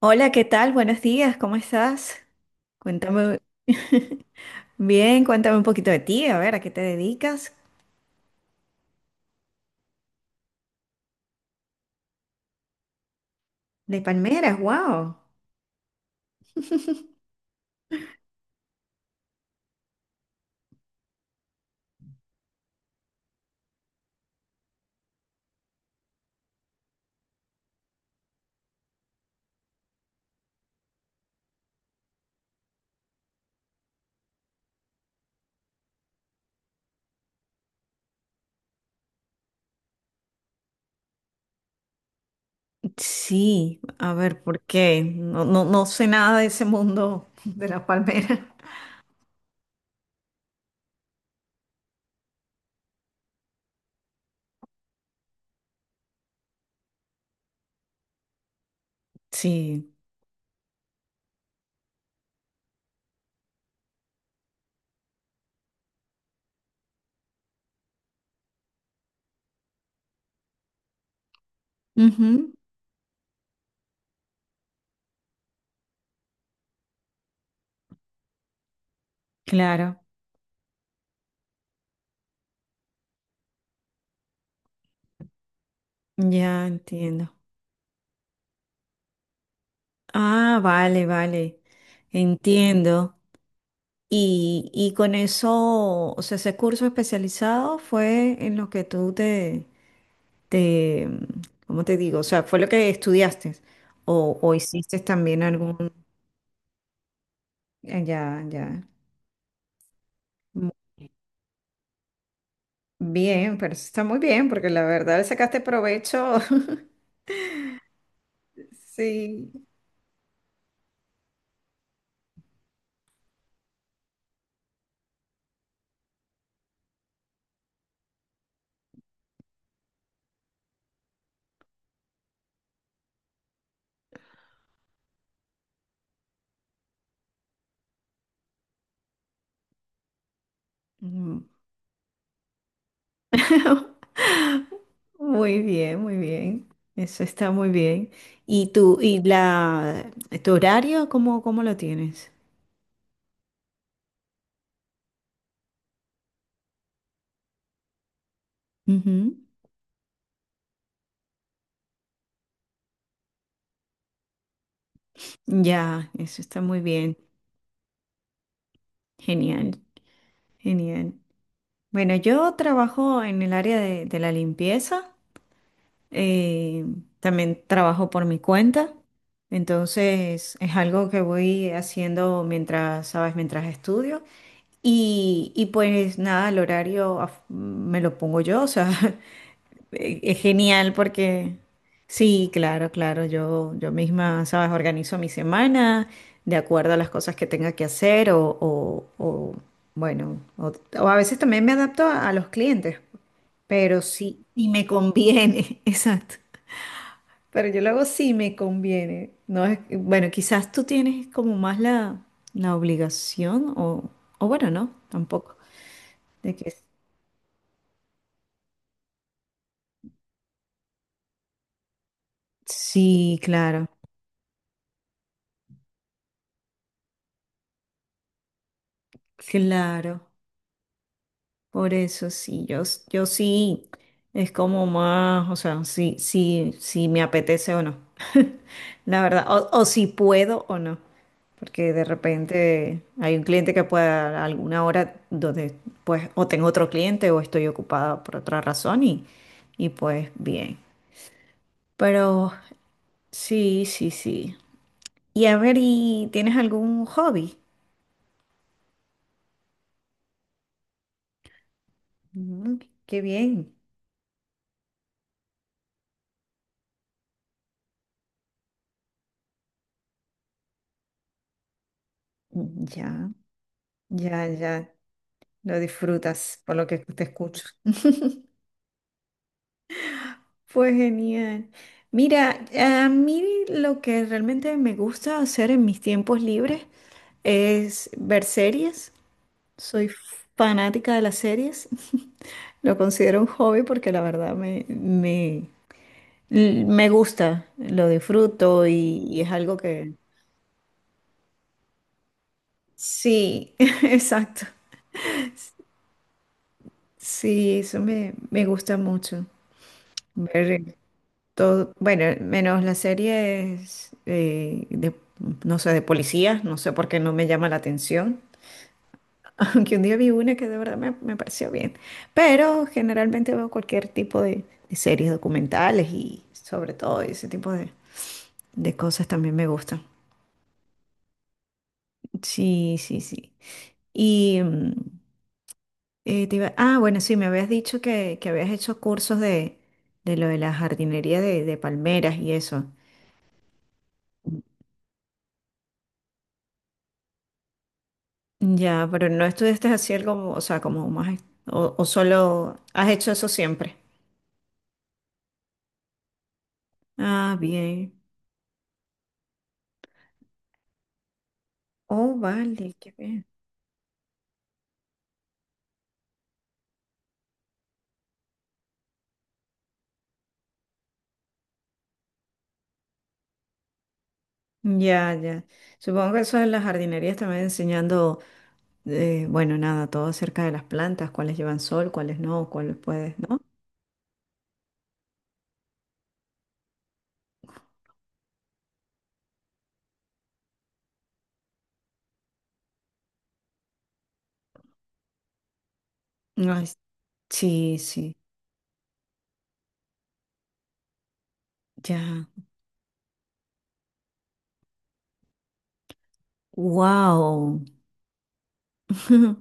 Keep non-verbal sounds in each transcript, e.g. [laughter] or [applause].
Hola, ¿qué tal? Buenos días, ¿cómo estás? Cuéntame. [laughs] Bien, cuéntame un poquito de ti, a ver, ¿a qué te dedicas? De palmeras, wow. Sí, a ver, ¿por qué? No, no sé nada de ese mundo de las palmeras. Sí. Ujú. Claro, ya entiendo. Ah, vale, vale, entiendo. Y con eso, o sea, ese curso especializado fue en lo que tú te, ¿cómo te digo? O sea, ¿fue lo que estudiaste? ¿O hiciste también algún... Ya, ya. Mu- Bien, pero eso está muy bien, porque la verdad le sacaste provecho. [laughs] Sí. Mm. [laughs] Muy bien, muy bien. Eso está muy bien. ¿Y tu horario, cómo lo tienes? Ujú. Ya, eso está muy bien. Genial, genial. Bueno, yo trabajo en el área de la limpieza. eh, También trabajo por mi cuenta, entonces es algo que voy haciendo mientras, sabes, mientras estudio. Y pues nada, el horario me lo pongo yo, o sea, [laughs] es genial porque sí, claro, claro, yo misma, sabes, organizo mi semana de acuerdo a las cosas que tenga que hacer o, o a veces también me adapto a los clientes, pero sí, y me conviene, [laughs] exacto. Pero yo lo hago si me conviene. No es, bueno, quizás tú tienes como más la obligación o bueno, no, tampoco. De que sí, claro, claro. Por eso sí, yo sí, es como más, o sea, sí, sí, sí me apetece o no, [laughs] la verdad, o si puedo o no, porque de repente hay un cliente que pueda a alguna hora donde pues o tengo otro cliente o estoy ocupada por otra razón y pues bien, pero sí, sí, sí. Y a ver, ¿y tienes algún hobby? Mm, qué bien, ya, ya, ya. Lo disfrutas por lo que te escucho. [laughs] Fue genial. Mira, a mí lo que realmente me gusta hacer en mis tiempos libres es ver series. Soy fanática de las series. [laughs] Lo considero un hobby porque la verdad me gusta, lo disfruto y es algo que... Sí, [laughs] exacto. Sí, eso me gusta mucho. Ver. Todo, bueno, menos las series de no sé, de policías, no sé por qué no me llama la atención, [laughs] aunque un día vi una que de verdad me pareció bien, pero generalmente veo cualquier tipo de series documentales y sobre todo ese tipo de cosas también me gustan. Sí, sí, sí. Y mm, ah, bueno, sí, me habías dicho que habías hecho cursos de lo de la jardinería de palmeras y eso. Ya, pero no estudiaste así algo, o sea, como más, o solo has hecho eso siempre. Ah, bien. Oh, vale, qué bien. Ya, ya. Supongo que eso en las jardinerías también enseñando, bueno, nada, todo acerca de las plantas, cuáles llevan sol, cuáles no, cuáles puedes, ¿no? Ay, sí, sí, ya. Wow. [laughs]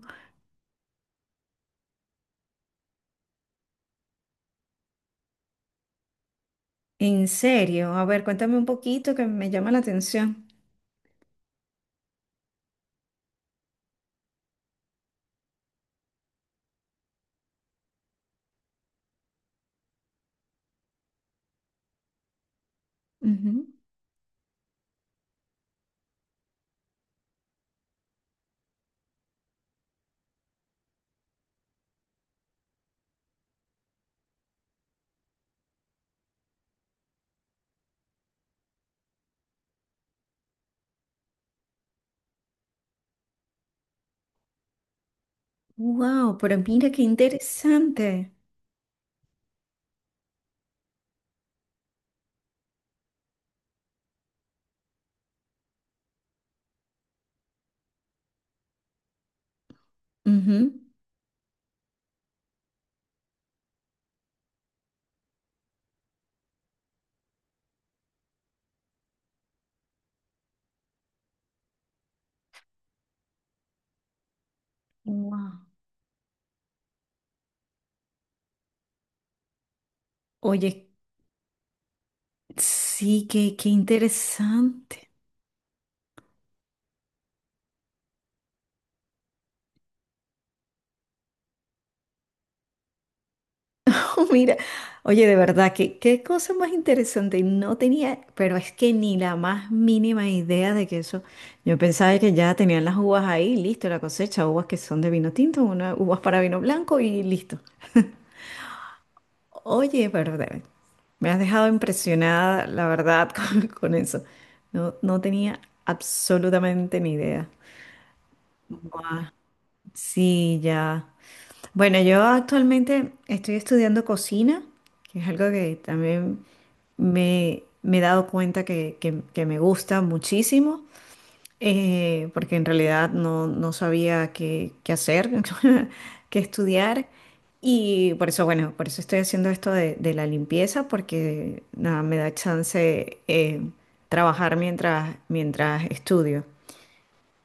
En serio, a ver, cuéntame un poquito que me llama la atención. Wow, pero mira qué interesante. Wow. Oye, sí, qué, qué interesante. [laughs] Oh, mira, oye, de verdad, qué, qué cosa más interesante. No tenía, pero es que ni la más mínima idea de que eso. Yo pensaba que ya tenían las uvas ahí, listo, la cosecha, uvas que son de vino tinto, unas uvas para vino blanco y listo. Oye, me has dejado impresionada, la verdad, [laughs] con eso. No, no tenía absolutamente ni idea. Sí, ya. Bueno, yo actualmente estoy estudiando cocina, que es algo que también me he dado cuenta que me gusta muchísimo, porque en realidad no sabía qué, qué hacer, [laughs] qué estudiar. Y por eso, bueno, por eso estoy haciendo esto de la limpieza, porque nada, me da chance trabajar mientras, mientras estudio.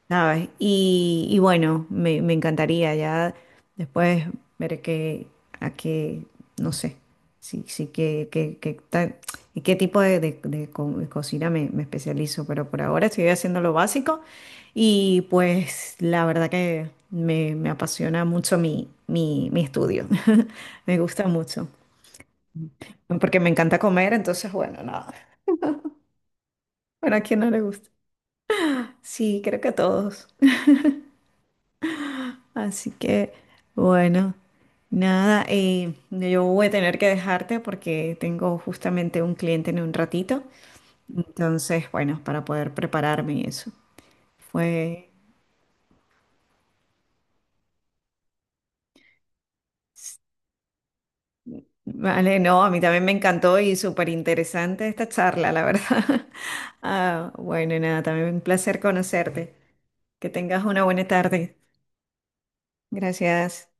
¿Sabes? Y bueno, me encantaría ya después ver qué, a qué, no sé, sí, sí, qué, qué, qué tal y qué tipo de cocina me especializo, pero por ahora estoy haciendo lo básico y pues la verdad que me apasiona mucho mi estudio, [laughs] me gusta mucho, porque me encanta comer, entonces bueno, nada, bueno, ¿a quién no le gusta? Sí, creo que a todos. Así que, bueno, nada, yo voy a tener que dejarte porque tengo justamente un cliente en un ratito. Entonces, bueno, para poder prepararme y eso. Fue, vale, no, a mí también me encantó y súper interesante esta charla, la verdad. [laughs] Ah, bueno, nada, también un placer conocerte. Que tengas una buena tarde. Gracias.